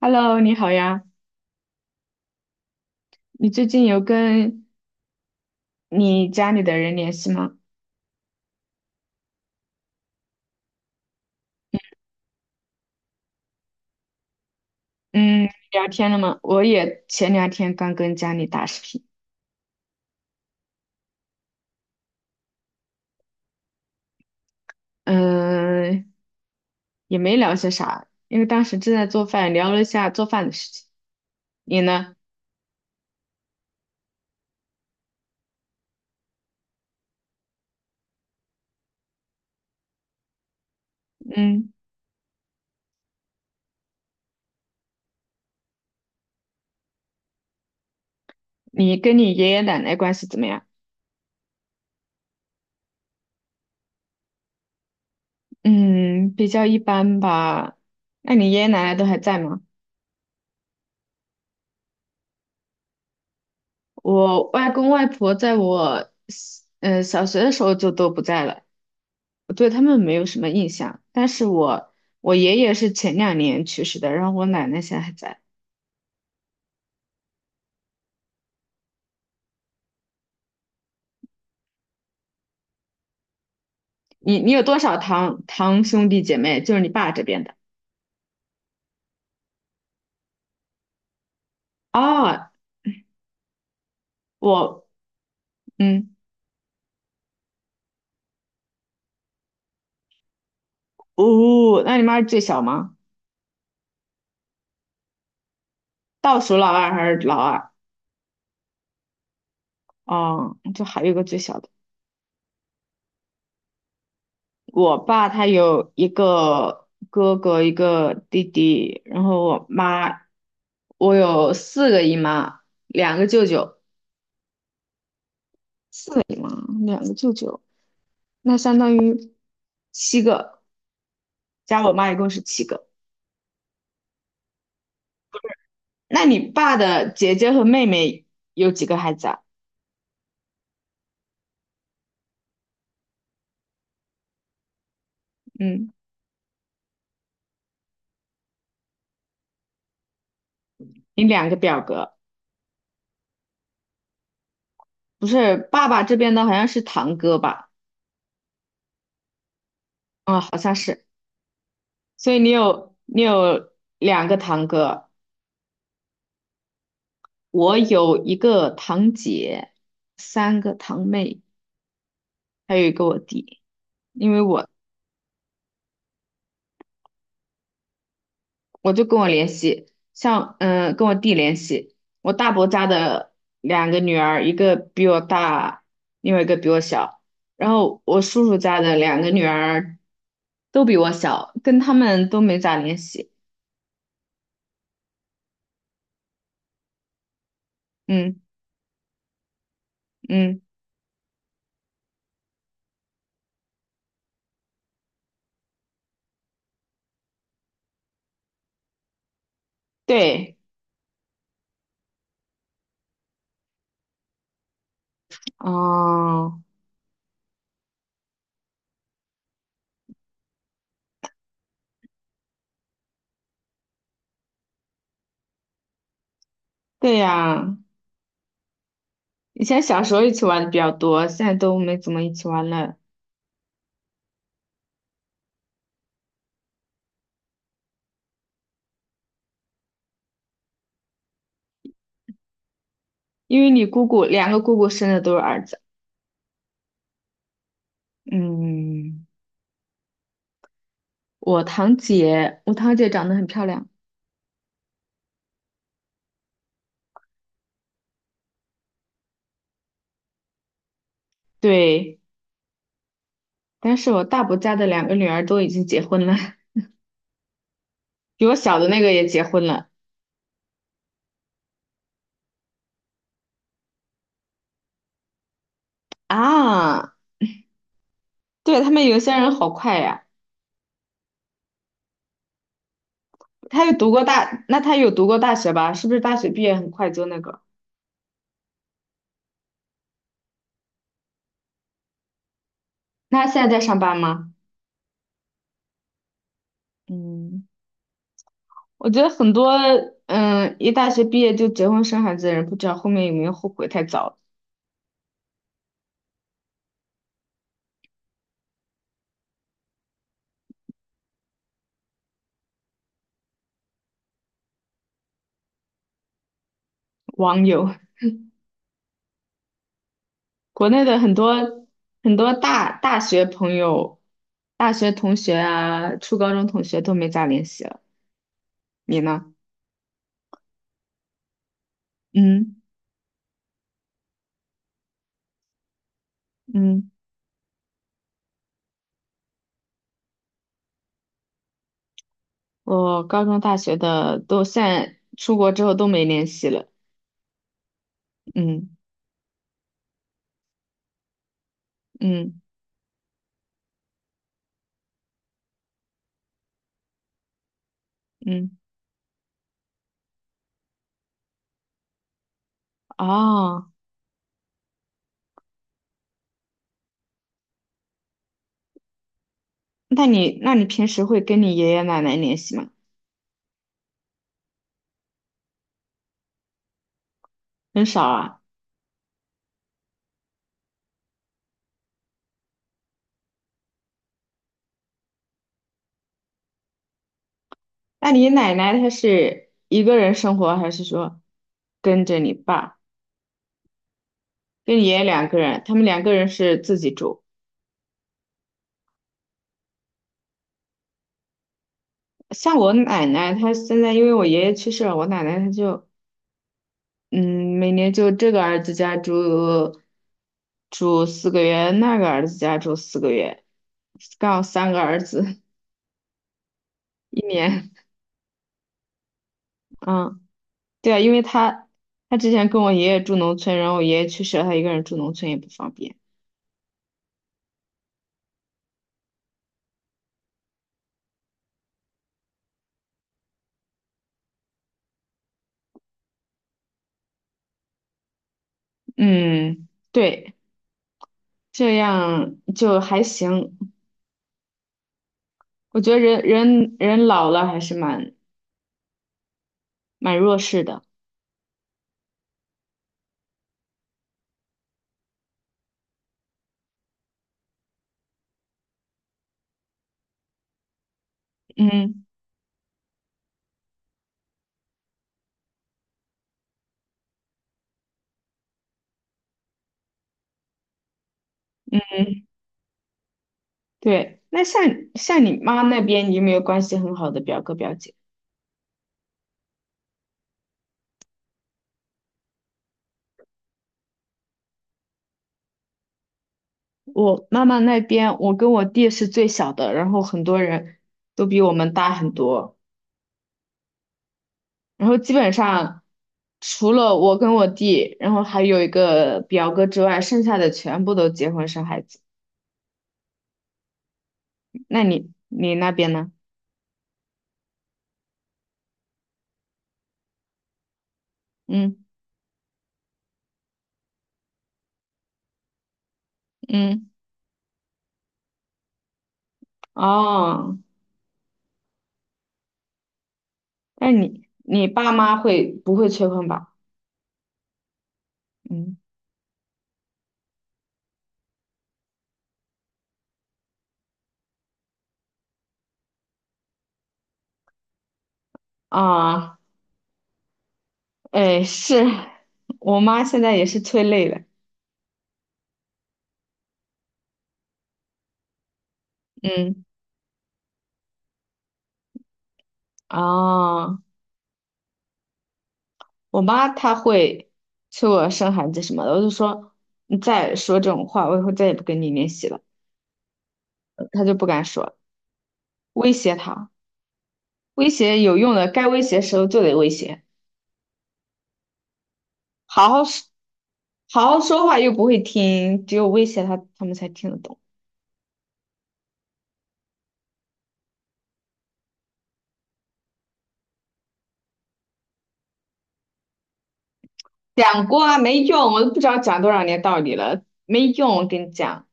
Hello，你好呀，你最近有跟你家里的人联系吗？嗯，聊天了吗？我也前两天刚跟家里打视频，嗯、也没聊些啥，因为当时正在做饭，聊了一下做饭的事情。你呢？嗯，你跟你爷爷奶奶关系怎么样？嗯，比较一般吧。那你爷爷奶奶都还在吗？我外公外婆在我，小学的时候就都不在了。我对他们没有什么印象，但是我爷爷是前两年去世的，然后我奶奶现在还在。你有多少堂兄弟姐妹？就是你爸这边的啊？我嗯哦，那你妈是最小吗？倒数老二还是老二？哦，就还有一个最小的。我爸他有一个哥哥，一个弟弟，然后我妈，我有四个姨妈，两个舅舅，四个姨妈，两个舅舅。那相当于七个，加我妈一共是七个。那你爸的姐姐和妹妹有几个孩子啊？嗯，你两个表哥，不是爸爸这边的好像是堂哥吧？啊、好像是。所以你有两个堂哥，我有一个堂姐，三个堂妹，还有一个我弟。因为我我就跟我联系，像跟我弟联系，我大伯家的两个女儿，一个比我大，另外一个比我小，然后我叔叔家的两个女儿都比我小，跟他们都没咋联系。嗯嗯，对，哦，对呀，以前小时候一起玩的比较多，现在都没怎么一起玩了，因为你姑姑两个姑姑生的都是儿子。嗯，我堂姐长得很漂亮，对。但是我大伯家的两个女儿都已经结婚了，比我小的那个也结婚了啊。对，他们有些人好快呀，他有读过大，那他有读过大学吧？是不是大学毕业很快就那个？那他现在在上班吗？嗯，我觉得很多一大学毕业就结婚生孩子的人，不知道后面有没有后悔太早了。网友，国内的很多很多大学朋友、大学同学啊、初高中同学都没咋联系了。你呢？嗯嗯。我高中、大学的都现在出国之后都没联系了。嗯嗯嗯，哦，那你平时会跟你爷爷奶奶联系吗？很少啊。那你奶奶她是一个人生活，还是说跟着你爸，跟你爷爷两个人？他们两个人是自己住。像我奶奶，她现在因为我爷爷去世了，我奶奶她就嗯，每年就这个儿子家住四个月，那个儿子家住四个月，刚好三个儿子 1年。嗯，对啊，因为他之前跟我爷爷住农村，然后我爷爷去世了，他一个人住农村也不方便。嗯，对，这样就还行。我觉得人老了还是蛮弱势的。嗯，对。那像你妈那边，你有没有关系很好的表哥表姐？我妈妈那边，我跟我弟是最小的，然后很多人都比我们大很多，然后基本上除了我跟我弟，然后还有一个表哥之外，剩下的全部都结婚生孩子。那你那边呢？嗯嗯，哦，那你爸妈会不会催婚吧？嗯啊，哎，是我妈现在也是催累了。嗯，哦。我妈她会催我生孩子什么的，我就说你再说这种话，我以后再也不跟你联系了。她就不敢说，威胁她，威胁有用的，该威胁的时候就得威胁，好好说，好好说话又不会听，只有威胁她，他们才听得懂。讲过啊，没用，我都不知道讲多少年道理了，没用，我跟你讲，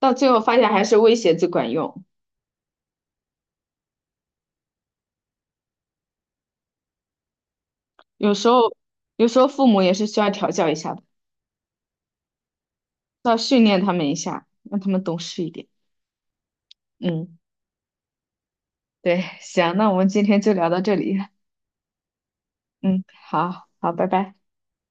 到最后发现还是威胁最管用。有时候，有时候父母也是需要调教一下的，要训练他们一下，让他们懂事一点。嗯。对，行，那我们今天就聊到这里。嗯，好好，拜拜。